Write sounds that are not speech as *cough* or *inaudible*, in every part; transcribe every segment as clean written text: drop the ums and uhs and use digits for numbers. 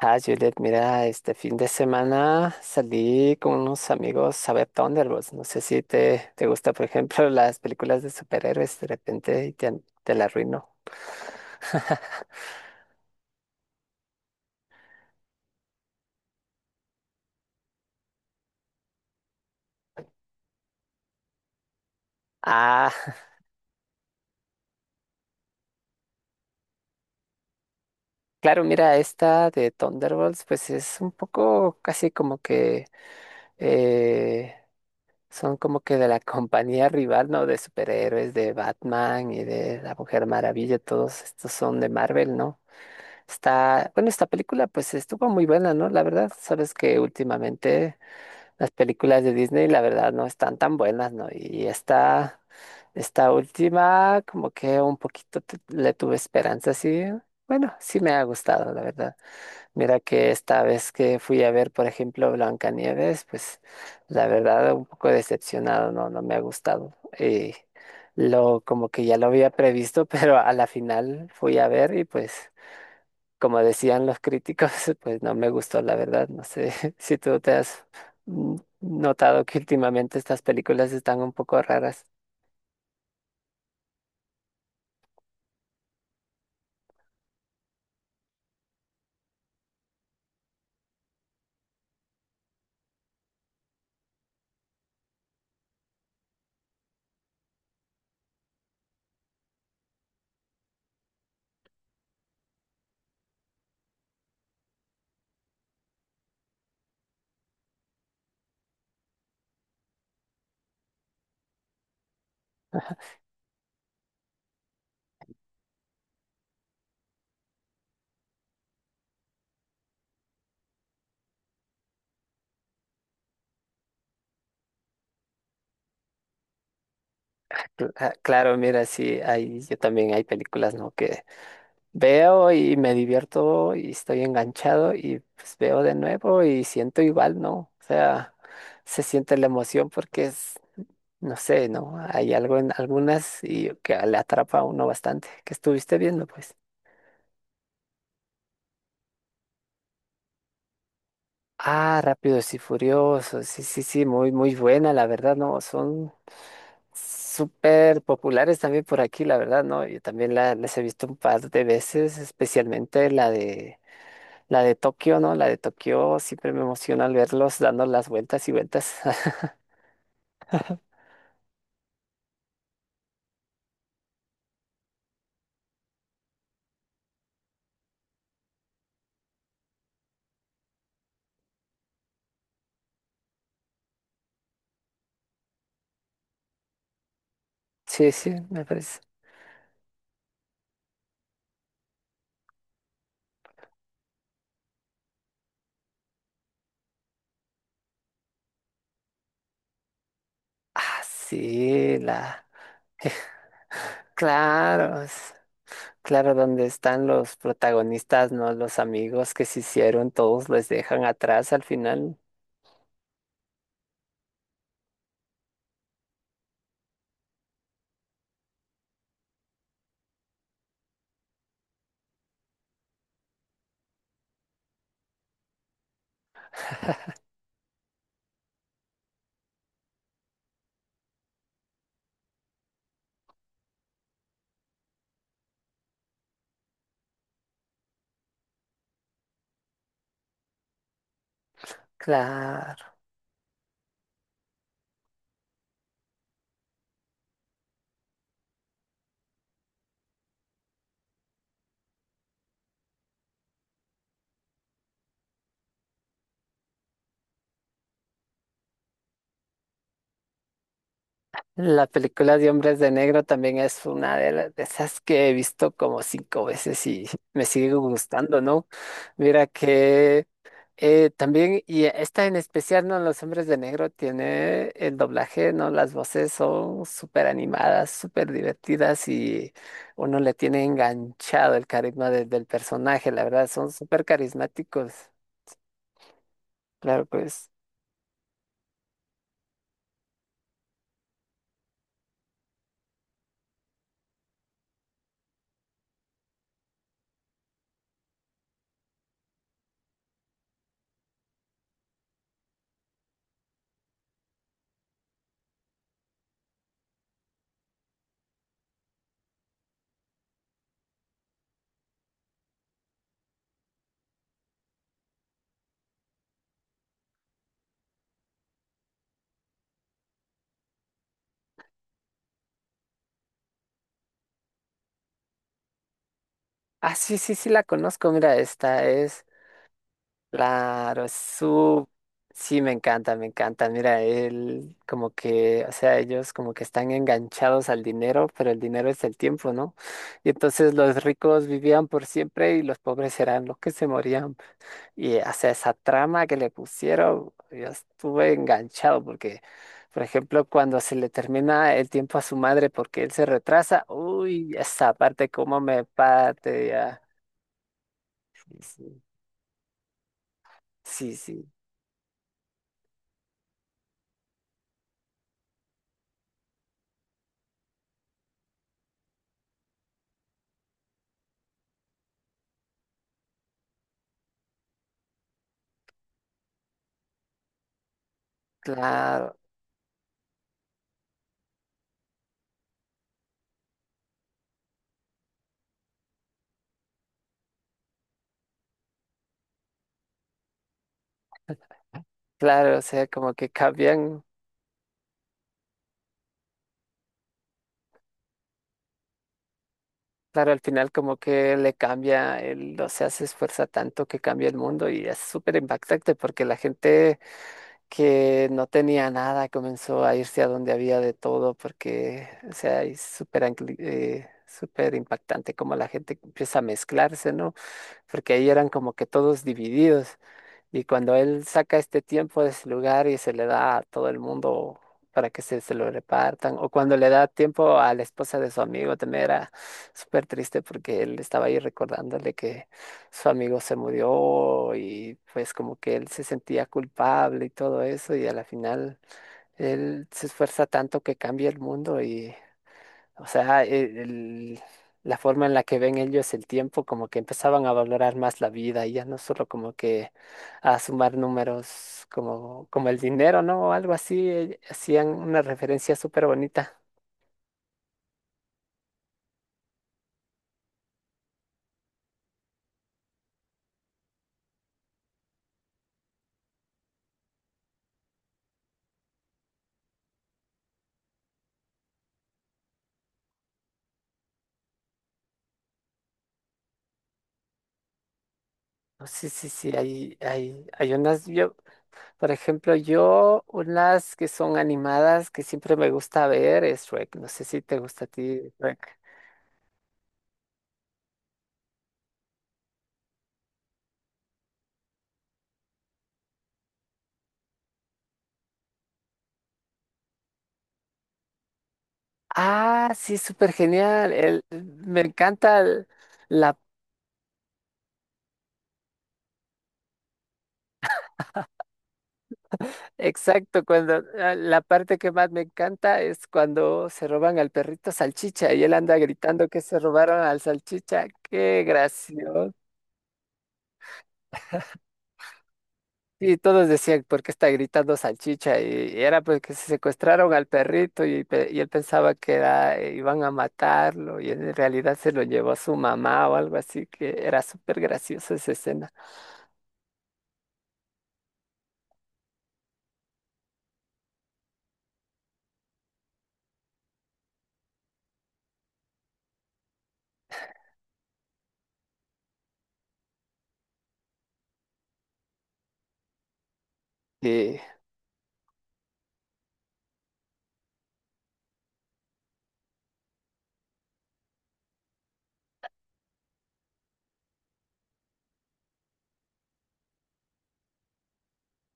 Ah, Juliet, mira, este fin de semana salí con unos amigos a ver Thunderbolts. No sé si te gusta, por ejemplo, *laughs* las películas de superhéroes de repente y te la arruino. *laughs* Ah, claro, mira, esta de Thunderbolts, pues es un poco casi como que eh, son como que de la *laughs* compañía rival, ¿no? De superhéroes, de Batman y de la Mujer Maravilla, todos estos son de Marvel, ¿no? Está, bueno, esta película pues estuvo muy buena, ¿no? La verdad, sabes que últimamente las películas de Disney, la verdad, no están tan buenas, ¿no? Y esta última, como que un poquito le tuve esperanza, sí. Bueno, sí me ha gustado, la verdad. Mira que esta vez que fui a ver, por ejemplo, Blancanieves, pues la verdad, un poco decepcionado, ¿no? No me ha gustado. Y lo, como que ya lo había previsto, *laughs* pero a la final fui a ver y pues como decían los críticos, *laughs* pues no me gustó, la verdad. No sé *laughs* si tú te has mm, notado que últimamente estas películas están un poco raras. Ah, claro, mira, sí, hay, yo también hay películas, ¿no?, que veo y me divierto y estoy enganchado y pues veo de nuevo y siento igual, ¿no? O sea, se siente la emoción porque es, no sé, ¿no? Hay algo en algunas y que le atrapa a uno bastante, que estuviste viendo, pues. Ah, Rápidos y Furiosos, sí, sí, sí, muy, muy buena, la verdad, ¿no? Son súper populares también por aquí, la verdad, ¿no? Yo también la, las he visto un par de veces, especialmente la de Tokio, ¿no? La de Tokio siempre me emociona al verlos dando las vueltas y vueltas. *laughs* Sí, sí, me parece. Ah, sí, la... *laughs* Claro, es- claro, donde están los protagonistas, ¿no? Los amigos que se hicieron, todos les dejan atrás al final. Claro. La película de Hombres de Negro también es una de, de esas que he visto como cinco veces y me sigue gustando, ¿no? Mira que también, y esta en especial, ¿no? Los Hombres de Negro tiene el doblaje, ¿no? Las voces son súper animadas, súper divertidas y uno le tiene enganchado el carisma del personaje, la verdad, son súper carismáticos. Claro, pues. Ah, sí, sí, sí, la conozco, mira, esta es. Claro, es su... Sí, me encanta, me encanta. Mira, él como que, o sea, ellos como que están enganchados al dinero, pero el dinero es el tiempo, ¿no? Y entonces los ricos vivían por siempre y los pobres eran los que se morían. Y, o sea, esa trama que le pusieron, yo estuve enganchado porque, por ejemplo, cuando se le termina el tiempo a su madre porque él se retrasa, uy, esa parte como me parte ya. Sí, sí, sí, sí. Claro. Claro, o sea, como que cambian, claro, al final como que le cambia, el, o sea, se esfuerza tanto que cambia el mundo y es súper impactante porque la gente que no tenía nada comenzó a irse a donde había de todo porque, o sea, es súper impactante como la gente empieza a mezclarse, ¿no? Porque ahí eran como que todos divididos. Y cuando él saca este tiempo de ese lugar y se le da a todo el mundo para que se lo repartan, o cuando le da tiempo a la esposa de su amigo, también era súper triste porque él estaba ahí recordándole que su amigo se murió y pues como que él se sentía culpable y todo eso, y a la final él se esfuerza tanto que cambia el mundo, o sea, la forma en la que ven ellos el tiempo, como que empezaban a valorar más la vida y ya no solo como que a sumar números como, como el dinero, ¿no? O algo así, hacían una referencia súper bonita. No, sí, sí, sí, hay unas, yo, por ejemplo, yo, unas que son animadas que siempre me gusta ver es Shrek. No sé si te gusta a ti, Shrek. Ah, sí, súper genial. El, me encanta el- la Exacto, cuando la parte que más me encanta es cuando se roban al perrito salchicha y él anda gritando que se robaron al salchicha. Qué gracioso. Y todos decían, ¿por qué está gritando salchicha? Y era porque se secuestraron al perrito y, y él pensaba que era, iban a matarlo y en realidad se lo llevó su mamá o algo así, que era súper graciosa esa escena. Sí.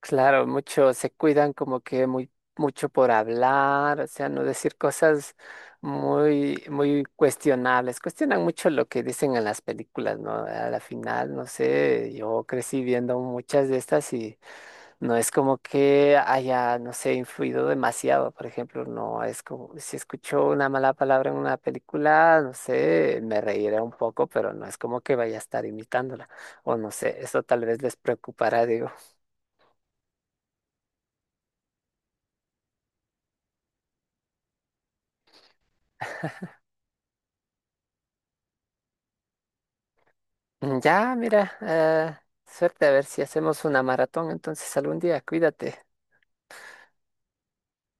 Claro, muchos se cuidan como que muy mucho por hablar, o sea, no decir cosas muy muy cuestionables. Cuestionan mucho lo que dicen en las películas, ¿no? A la final, no sé, yo crecí viendo muchas de estas y no es como que haya, no sé, influido demasiado, por ejemplo, no es como si escucho una mala palabra en una película, no sé, me reiré un poco, pero no es como que vaya a estar imitándola, o no sé, eso tal vez les preocupará, digo. Ya, mira, suerte a ver si hacemos una maratón entonces algún día, cuídate.